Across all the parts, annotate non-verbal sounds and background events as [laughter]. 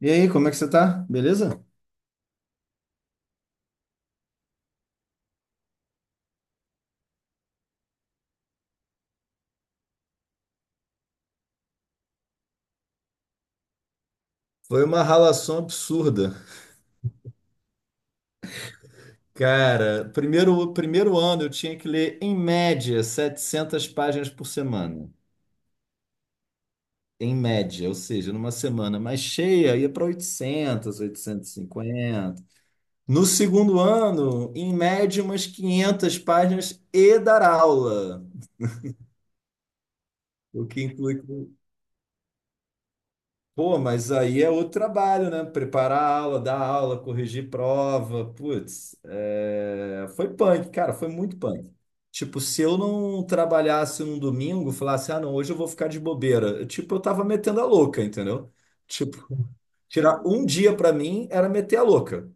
E aí, como é que você tá? Beleza? Foi uma ralação absurda. Cara, primeiro ano eu tinha que ler, em média, 700 páginas por semana. Em média, ou seja, numa semana mais cheia, ia para 800, 850. No segundo ano, em média, umas 500 páginas e dar aula, o que inclui. Pô, mas aí é outro trabalho, né? Preparar a aula, dar aula, corrigir prova. Putz, foi punk, cara, foi muito punk. Tipo, se eu não trabalhasse num domingo, falasse, ah, não, hoje eu vou ficar de bobeira. Tipo, eu tava metendo a louca, entendeu? Tipo, tirar um dia pra mim era meter a louca.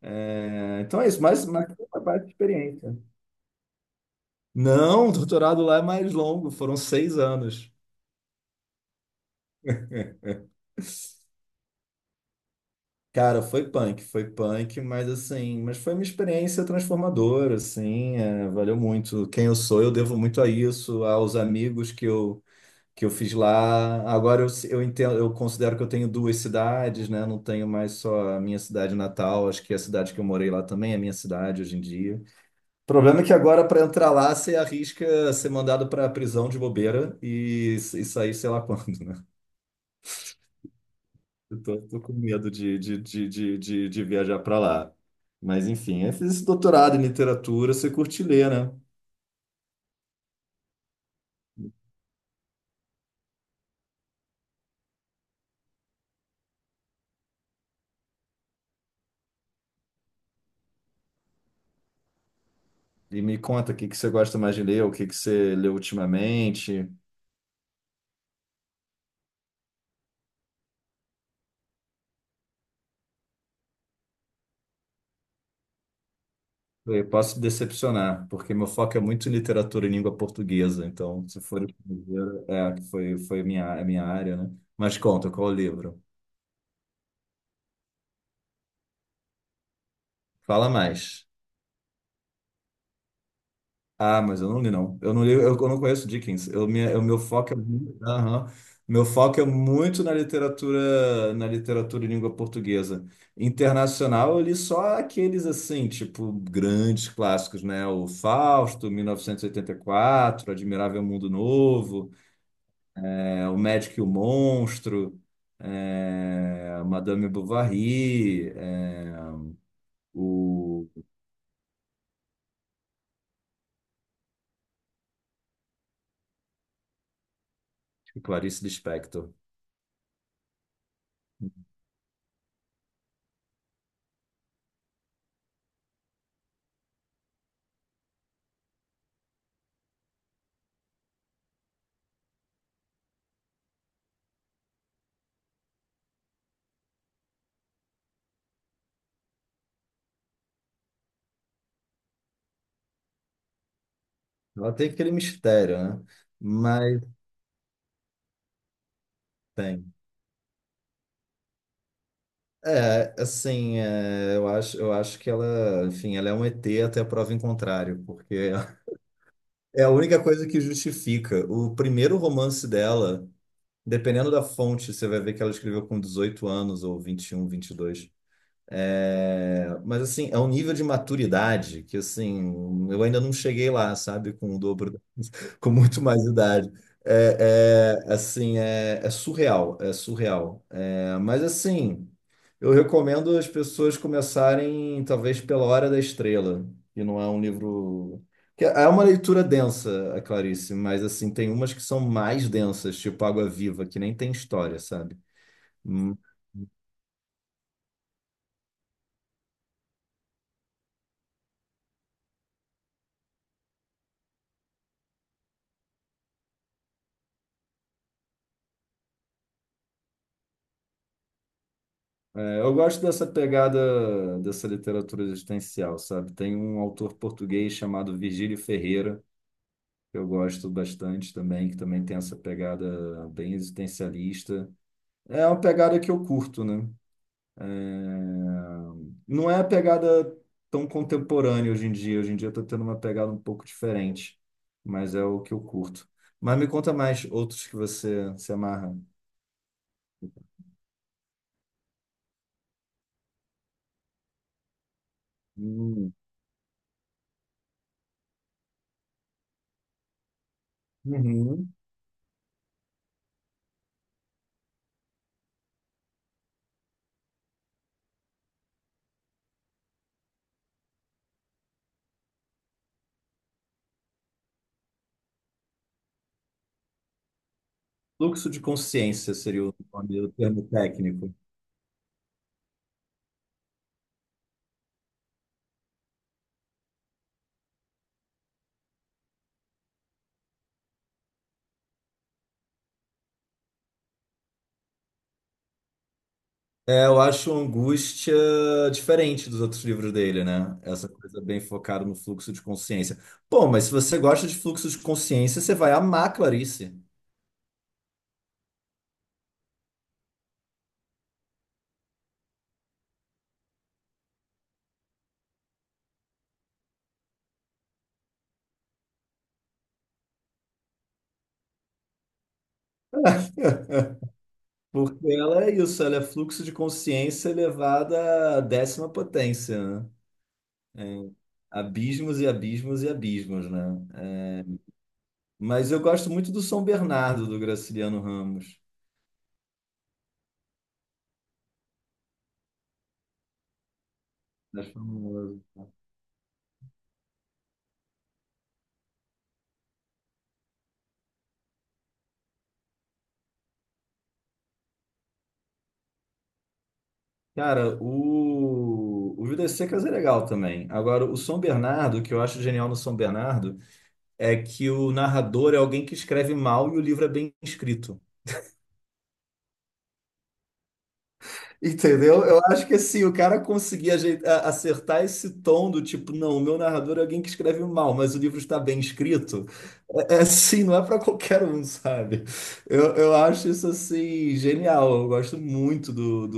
É, então é isso, mas foi uma baita experiência. Não, o doutorado lá é mais longo, foram 6 anos. Cara, foi punk, mas assim, mas foi uma experiência transformadora, assim, valeu muito. Quem eu sou, eu devo muito a isso, aos amigos que eu fiz lá. Agora eu entendo, eu considero que eu tenho duas cidades, né? Não tenho mais só a minha cidade natal, acho que a cidade que eu morei lá também é minha cidade hoje em dia. O problema é que agora para entrar lá você arrisca ser mandado para a prisão de bobeira e sair sei lá quando, né? Eu tô com medo de viajar para lá. Mas enfim, eu fiz esse doutorado em literatura, você curte ler, né? E me conta o que que você gosta mais de ler, o que que você leu ultimamente. Eu posso decepcionar, porque meu foco é muito em literatura em língua portuguesa. Então, se for estrangeiro, que foi minha, a minha área, né? Mas conta, qual o livro? Fala mais. Ah, mas eu não li, não. Eu não li, eu não conheço Dickens. Eu, minha, o meu foco é, aham. Meu foco é muito na literatura em língua portuguesa. Internacional, eu li só aqueles assim, tipo, grandes clássicos, né? O Fausto, mil e oitenta e quatro, Admirável Mundo Novo, O Médico e o Monstro, Madame Bovary, é, o tipo, Clarice Lispector. Ela tem aquele mistério, né? Mas tem. Assim, eu acho que ela, enfim, ela é um ET até prova em contrário, porque [laughs] é a única coisa que justifica. O primeiro romance dela, dependendo da fonte, você vai ver que ela escreveu com 18 anos ou 20, 21, vinte e dois, mas assim, é um nível de maturidade que assim, eu ainda não cheguei lá, sabe? Com o dobro, [laughs] com muito mais idade. Assim, é surreal, é surreal. É, mas assim, eu recomendo as pessoas começarem, talvez, pela Hora da Estrela, que não é um livro. Que é uma leitura densa, a Clarice, mas assim, tem umas que são mais densas, tipo Água Viva, que nem tem história, sabe? É, eu gosto dessa pegada dessa literatura existencial, sabe? Tem um autor português chamado Virgílio Ferreira, que eu gosto bastante também, que também tem essa pegada bem existencialista. É uma pegada que eu curto, né? É, não é a pegada tão contemporânea hoje em dia. Hoje em dia eu tô tendo uma pegada um pouco diferente, mas é o que eu curto. Mas me conta mais outros que você se amarra. Hum. Uhum. Fluxo de consciência seria o nome, o termo técnico. É, eu acho Angústia diferente dos outros livros dele, né? Essa coisa bem focada no fluxo de consciência. Pô, mas se você gosta de fluxo de consciência, você vai amar Clarice. [laughs] Porque ela é isso, ela é fluxo de consciência elevada à décima potência, né? É, abismos e abismos e abismos, né? É, mas eu gosto muito do São Bernardo, do Graciliano Ramos. Acho famoso. Cara, o Vidas Secas é legal também. Agora, o São Bernardo, o que eu acho genial no São Bernardo, é que o narrador é alguém que escreve mal e o livro é bem escrito. Entendeu? Eu acho que assim, o cara conseguir acertar esse tom do tipo, não, o meu narrador é alguém que escreve mal, mas o livro está bem escrito. É, é assim, não é para qualquer um, sabe? Eu acho isso assim, genial. Eu gosto muito do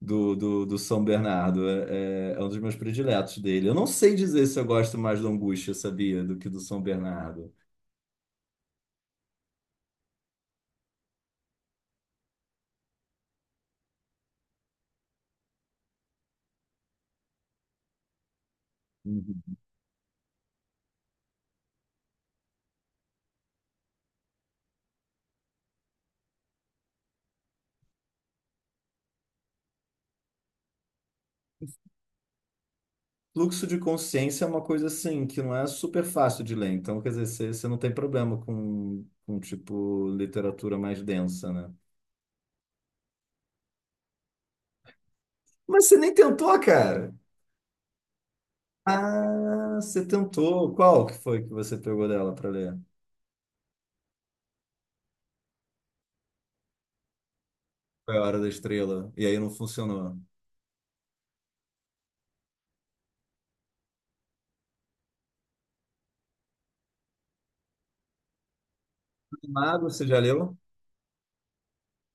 do, do, do São Bernardo. É, é um dos meus prediletos dele. Eu não sei dizer se eu gosto mais do Angústia, sabia, do que do São Bernardo. Uhum. Fluxo de consciência é uma coisa assim que não é super fácil de ler. Então, quer dizer, você não tem problema com tipo literatura mais densa, né? Mas você nem tentou, cara. Ah, você tentou. Qual que foi que você pegou dela para ler? Foi a Hora da Estrela. E aí não funcionou. Saramago, você já leu?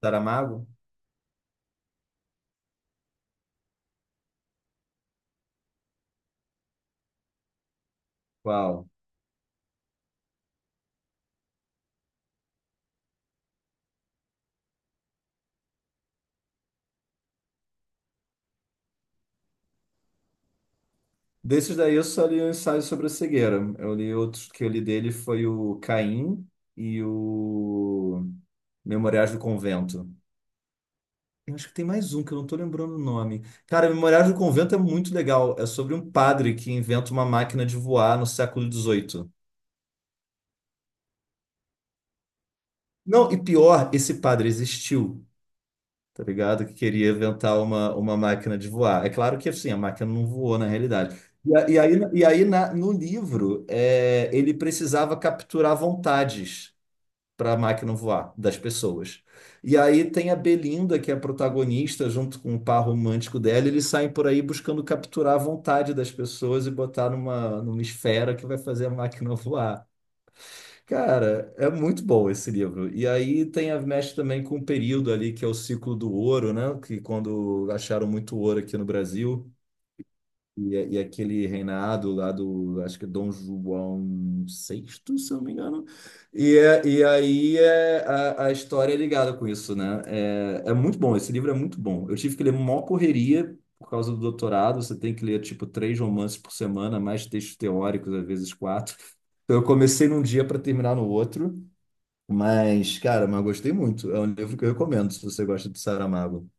Saramago? Qual? Desses daí eu só li o Ensaio sobre a Cegueira. Eu li outros que eu li dele foi o Caim e o Memoriais do Convento. Eu acho que tem mais um que eu não tô lembrando o nome. Cara, Memoriais do Convento é muito legal. É sobre um padre que inventa uma máquina de voar no século XVIII. Não, e pior, esse padre existiu, tá ligado? Que queria inventar uma máquina de voar. É claro que assim, a máquina não voou na realidade. E aí, no livro, é, ele precisava capturar vontades para a máquina voar das pessoas. E aí tem a Belinda, que é a protagonista, junto com o par romântico dela, e eles saem por aí buscando capturar a vontade das pessoas e botar numa esfera que vai fazer a máquina [laughs] voar. Cara, é muito bom esse livro. E aí tem a mexe também com o período ali, que é o ciclo do ouro, né? Que quando acharam muito ouro aqui no Brasil. E é aquele reinado lá do, acho que é Dom João sexto, se eu não me engano. E aí é, a história é ligada com isso, né? É muito bom, esse livro é muito bom. Eu tive que ler mó correria por causa do doutorado, você tem que ler, tipo, três romances por semana, mais textos teóricos, às vezes quatro. Então eu comecei num dia para terminar no outro, mas, cara, mas eu gostei muito. É um livro que eu recomendo se você gosta de Saramago.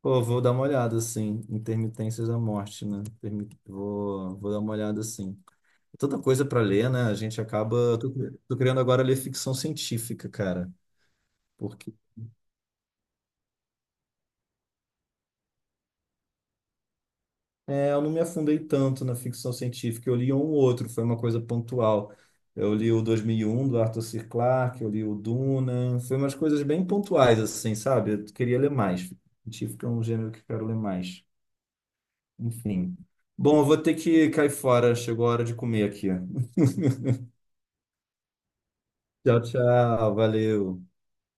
Pô, vou dar uma olhada, assim, Intermitências da Morte, né? Vou, dar uma olhada, assim. Tanta coisa para ler, né? A gente acaba... Tô querendo agora ler ficção científica, cara. Porque eu não me afundei tanto na ficção científica. Eu li um ou outro, foi uma coisa pontual. Eu li o 2001 do Arthur C. Clarke, eu li o Duna. Foi umas coisas bem pontuais, assim, sabe? Eu queria ler mais. Ficção científica é um gênero que eu quero ler mais. Enfim. Bom, eu vou ter que cair fora. Chegou a hora de comer aqui. Tchau, tchau. Valeu.